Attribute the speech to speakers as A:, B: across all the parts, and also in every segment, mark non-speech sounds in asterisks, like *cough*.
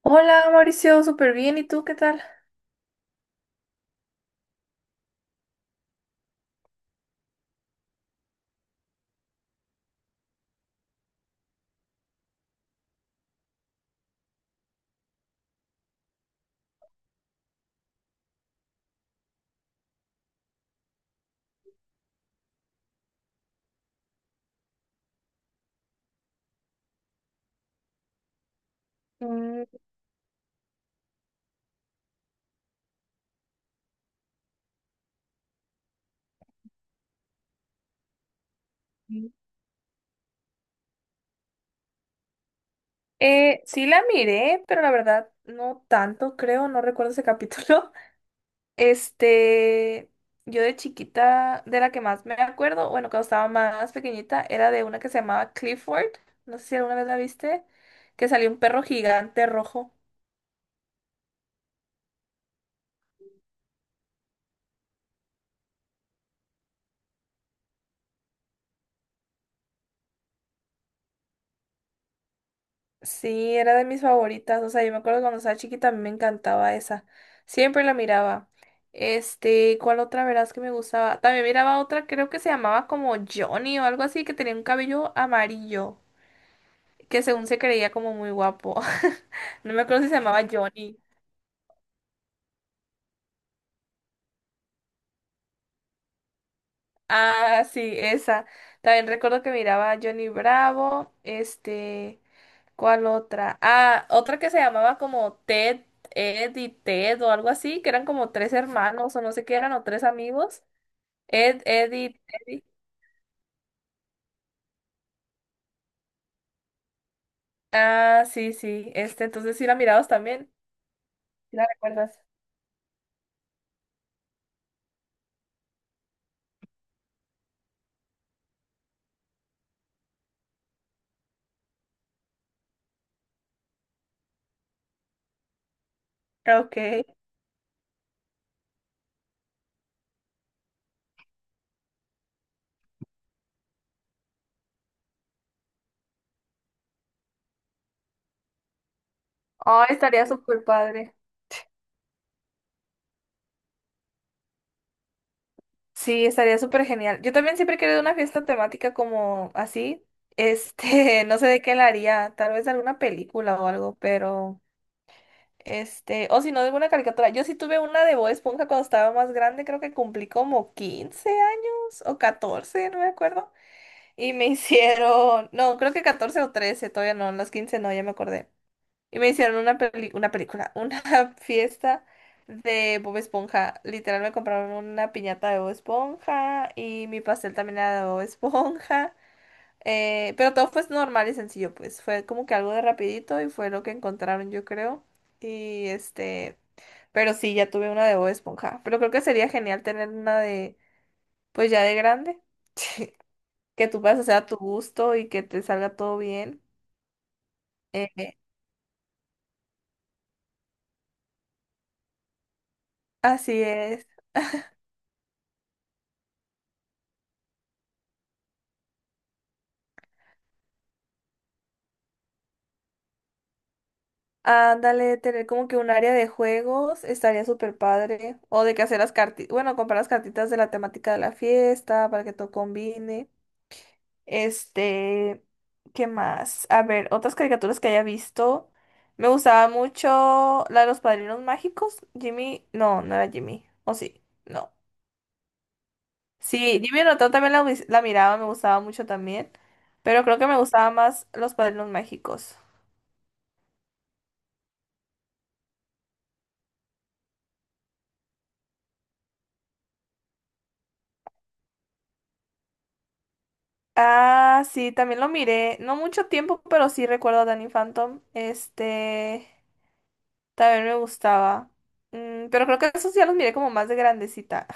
A: Hola Mauricio, súper bien. ¿Y tú qué tal? Mm, mm. Sí la miré, pero la verdad no tanto, creo, no recuerdo ese capítulo. *laughs* Este, yo de chiquita, de la que más me acuerdo, bueno, cuando estaba más pequeñita, era de una que se llamaba Clifford, no sé si alguna vez la viste, que salió un perro gigante rojo. Sí, era de mis favoritas. O sea, yo me acuerdo cuando estaba chiquita, a mí me encantaba esa. Siempre la miraba. Este, ¿cuál otra verás que me gustaba? También miraba otra, creo que se llamaba como Johnny o algo así, que tenía un cabello amarillo, que según se creía como muy guapo. *laughs* No me acuerdo si se llamaba Johnny. Ah, sí, esa. También recuerdo que miraba a Johnny Bravo, este. ¿Cuál otra? Ah, otra que se llamaba como Ted, Ed y Ted o algo así, que eran como tres hermanos o no sé qué eran, o tres amigos. Ed, Ed y Teddy. Ah, sí, sí. Este, entonces sí la mirabas también. ¿Sí la recuerdas? Ok. Oh, estaría súper padre. Sí, estaría súper genial. Yo también siempre he querido una fiesta temática como así. Este, *laughs* no sé de qué la haría. Tal vez alguna película o algo, pero. Este, o si no, alguna caricatura. Yo sí tuve una de Bob Esponja cuando estaba más grande, creo que cumplí como 15 años o 14 no me acuerdo. Y me *laughs* hicieron, no, creo que 14 o 13 todavía no, en los 15 no, ya me acordé. Y me hicieron una película, una *laughs* fiesta de Bob Esponja. Literal me compraron una piñata de Bob Esponja y mi pastel también era de Bob Esponja. *laughs* Pero todo fue normal y sencillo, pues fue como que algo de rapidito y fue lo que encontraron, yo creo. Y este, pero sí, ya tuve una de Bob Esponja. Pero creo que sería genial tener una de, pues ya de grande. *laughs* Que tú puedas hacer a tu gusto y que te salga todo bien. Eh, así es. Ándale, tener como que un área de juegos estaría súper padre. O de que hacer las cartitas, bueno, comprar las cartitas de la temática de la fiesta para que todo combine. Este, ¿qué más? A ver, otras caricaturas que haya visto. Me gustaba mucho la de los padrinos mágicos. Jimmy, no, no era Jimmy. ¿O sí? No. Sí, Jimmy Neutron también la miraba, me gustaba mucho también. Pero creo que me gustaba más los padrinos mágicos. Ah, sí, también lo miré. No mucho tiempo, pero sí recuerdo a Danny Phantom. Este, también me gustaba. Mm, pero creo que esos ya los miré como más de grandecita.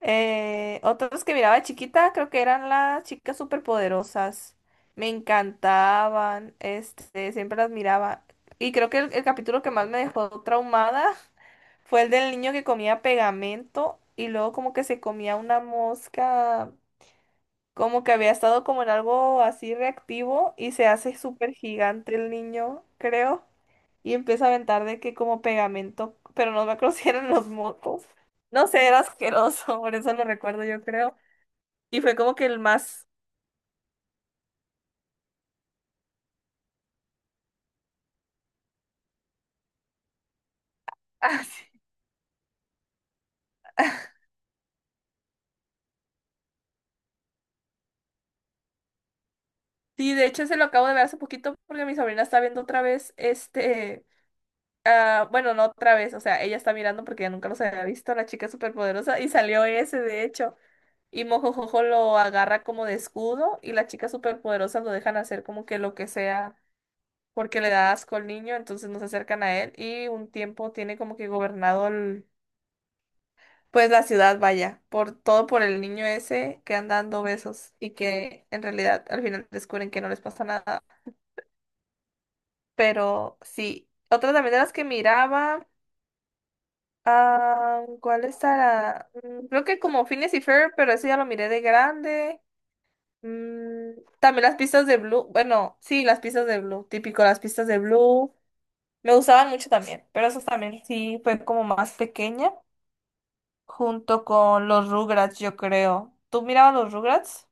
A: Otros que miraba de chiquita, creo que eran las chicas superpoderosas. Me encantaban, este, siempre las miraba. Y creo que el capítulo que más me dejó traumada *laughs* fue el del niño que comía pegamento y luego como que se comía una mosca, como que había estado como en algo así reactivo y se hace súper gigante el niño, creo, y empieza a aventar de que como pegamento, pero no me acuerdo *laughs* si eran los mocos. No sé, era asqueroso, *laughs* por eso lo recuerdo yo creo. Y fue como que el más... Ah, sí. Sí, de hecho se lo acabo de ver hace poquito porque mi sobrina está viendo otra vez este, ah, bueno, no otra vez, o sea, ella está mirando porque ya nunca los había visto, la chica superpoderosa, y salió ese, de hecho, y Mojojojo lo agarra como de escudo y la chica superpoderosa lo dejan hacer como que lo que sea porque le da asco al niño, entonces no se acercan a él y un tiempo tiene como que gobernado el Pues la ciudad, vaya, por todo por el niño ese que anda dando besos y que en realidad al final descubren que no les pasa nada. Pero sí, otra también de las que miraba, ah, ¿cuál estará? Creo que como Phineas y Ferb, pero eso ya lo miré de grande. Mm, también las pistas de Blue, bueno, sí, las pistas de Blue, típico, las pistas de Blue. Me gustaban mucho también, pero eso también sí fue como más pequeña, junto con los Rugrats, yo creo. ¿Tú mirabas los Rugrats?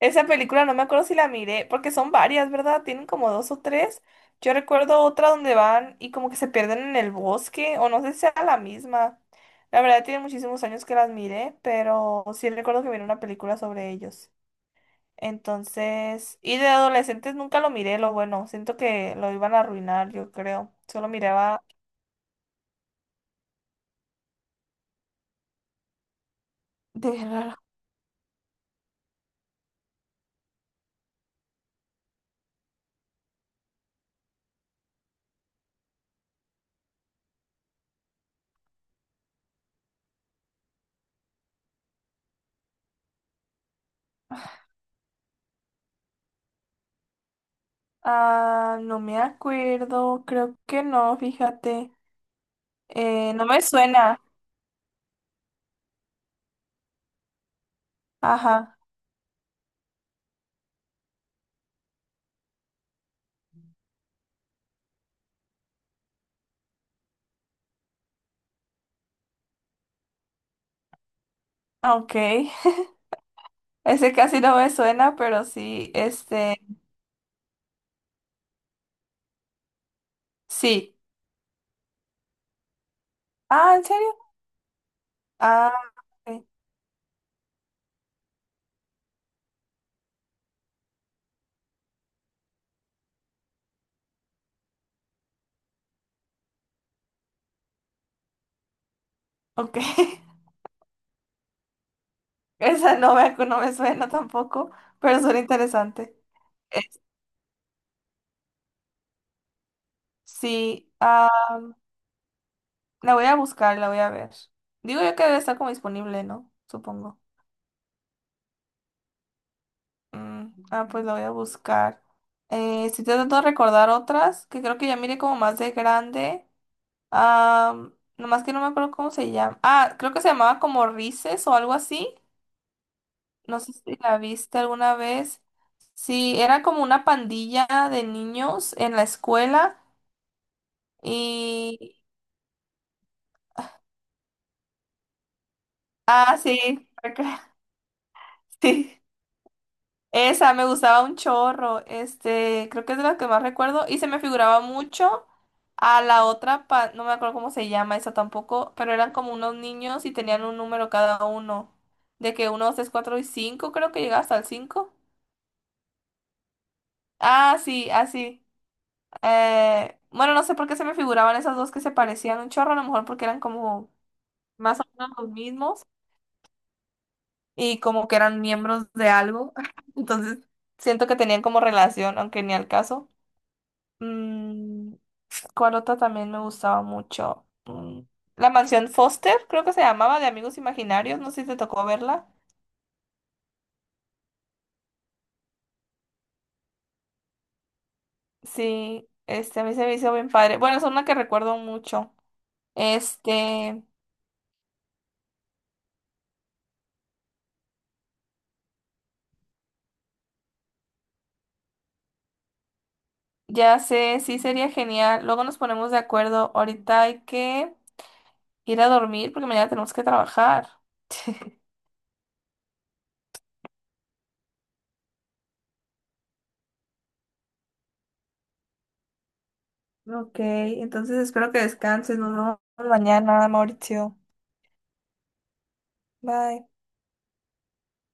A: Esa película no me acuerdo si la miré, porque son varias, ¿verdad? Tienen como dos o tres. Yo recuerdo otra donde van y como que se pierden en el bosque, o no sé si sea la misma. La verdad, tiene muchísimos años que las miré, pero sí recuerdo que miré una película sobre ellos. Entonces, y de adolescentes nunca lo miré, lo bueno, siento que lo iban a arruinar, yo creo. Solo miraba de raro. Ah, no me acuerdo, creo que no, fíjate. No me suena. Ajá, ah, ok. *laughs* Ese casi no me suena, pero sí, este, sí. Ah, ¿en serio? Ah, ok. Ok. *laughs* Esa no me, no me suena tampoco, pero suena interesante. Es- Sí, ah, la voy a buscar, la voy a ver. Digo yo que debe estar como disponible, ¿no? Supongo. Mm, ah, pues la voy a buscar. Estoy tratando de recordar otras que creo que ya miré como más de grande. Ah, nomás que no me acuerdo cómo se llama. Ah, creo que se llamaba como Rices o algo así. No sé si la viste alguna vez. Sí, era como una pandilla de niños en la escuela y... Ah, sí, *laughs* sí. Esa me gustaba un chorro. Este, creo que es de las que más recuerdo y se me figuraba mucho a la otra, no me acuerdo cómo se llama esa tampoco, pero eran como unos niños y tenían un número cada uno. De que uno, dos, tres, cuatro y cinco, creo que llegaba hasta el cinco. Ah, sí, así. Bueno, no sé por qué se me figuraban esas dos que se parecían un chorro, a lo mejor porque eran como más o menos los mismos y como que eran miembros de algo. *laughs* Entonces, siento que tenían como relación, aunque ni al caso. Mm, ¿Cuál otra también me gustaba mucho? La mansión Foster, creo que se llamaba, de Amigos Imaginarios, no sé si te tocó verla. Sí, este, a mí se me hizo bien padre. Bueno, es una que recuerdo mucho. Este. Ya sé, sí sería genial. Luego nos ponemos de acuerdo. Ahorita hay que ir a dormir porque mañana tenemos que trabajar. *laughs* Ok, entonces espero que descanses. Nos vemos mañana, Mauricio. Bye.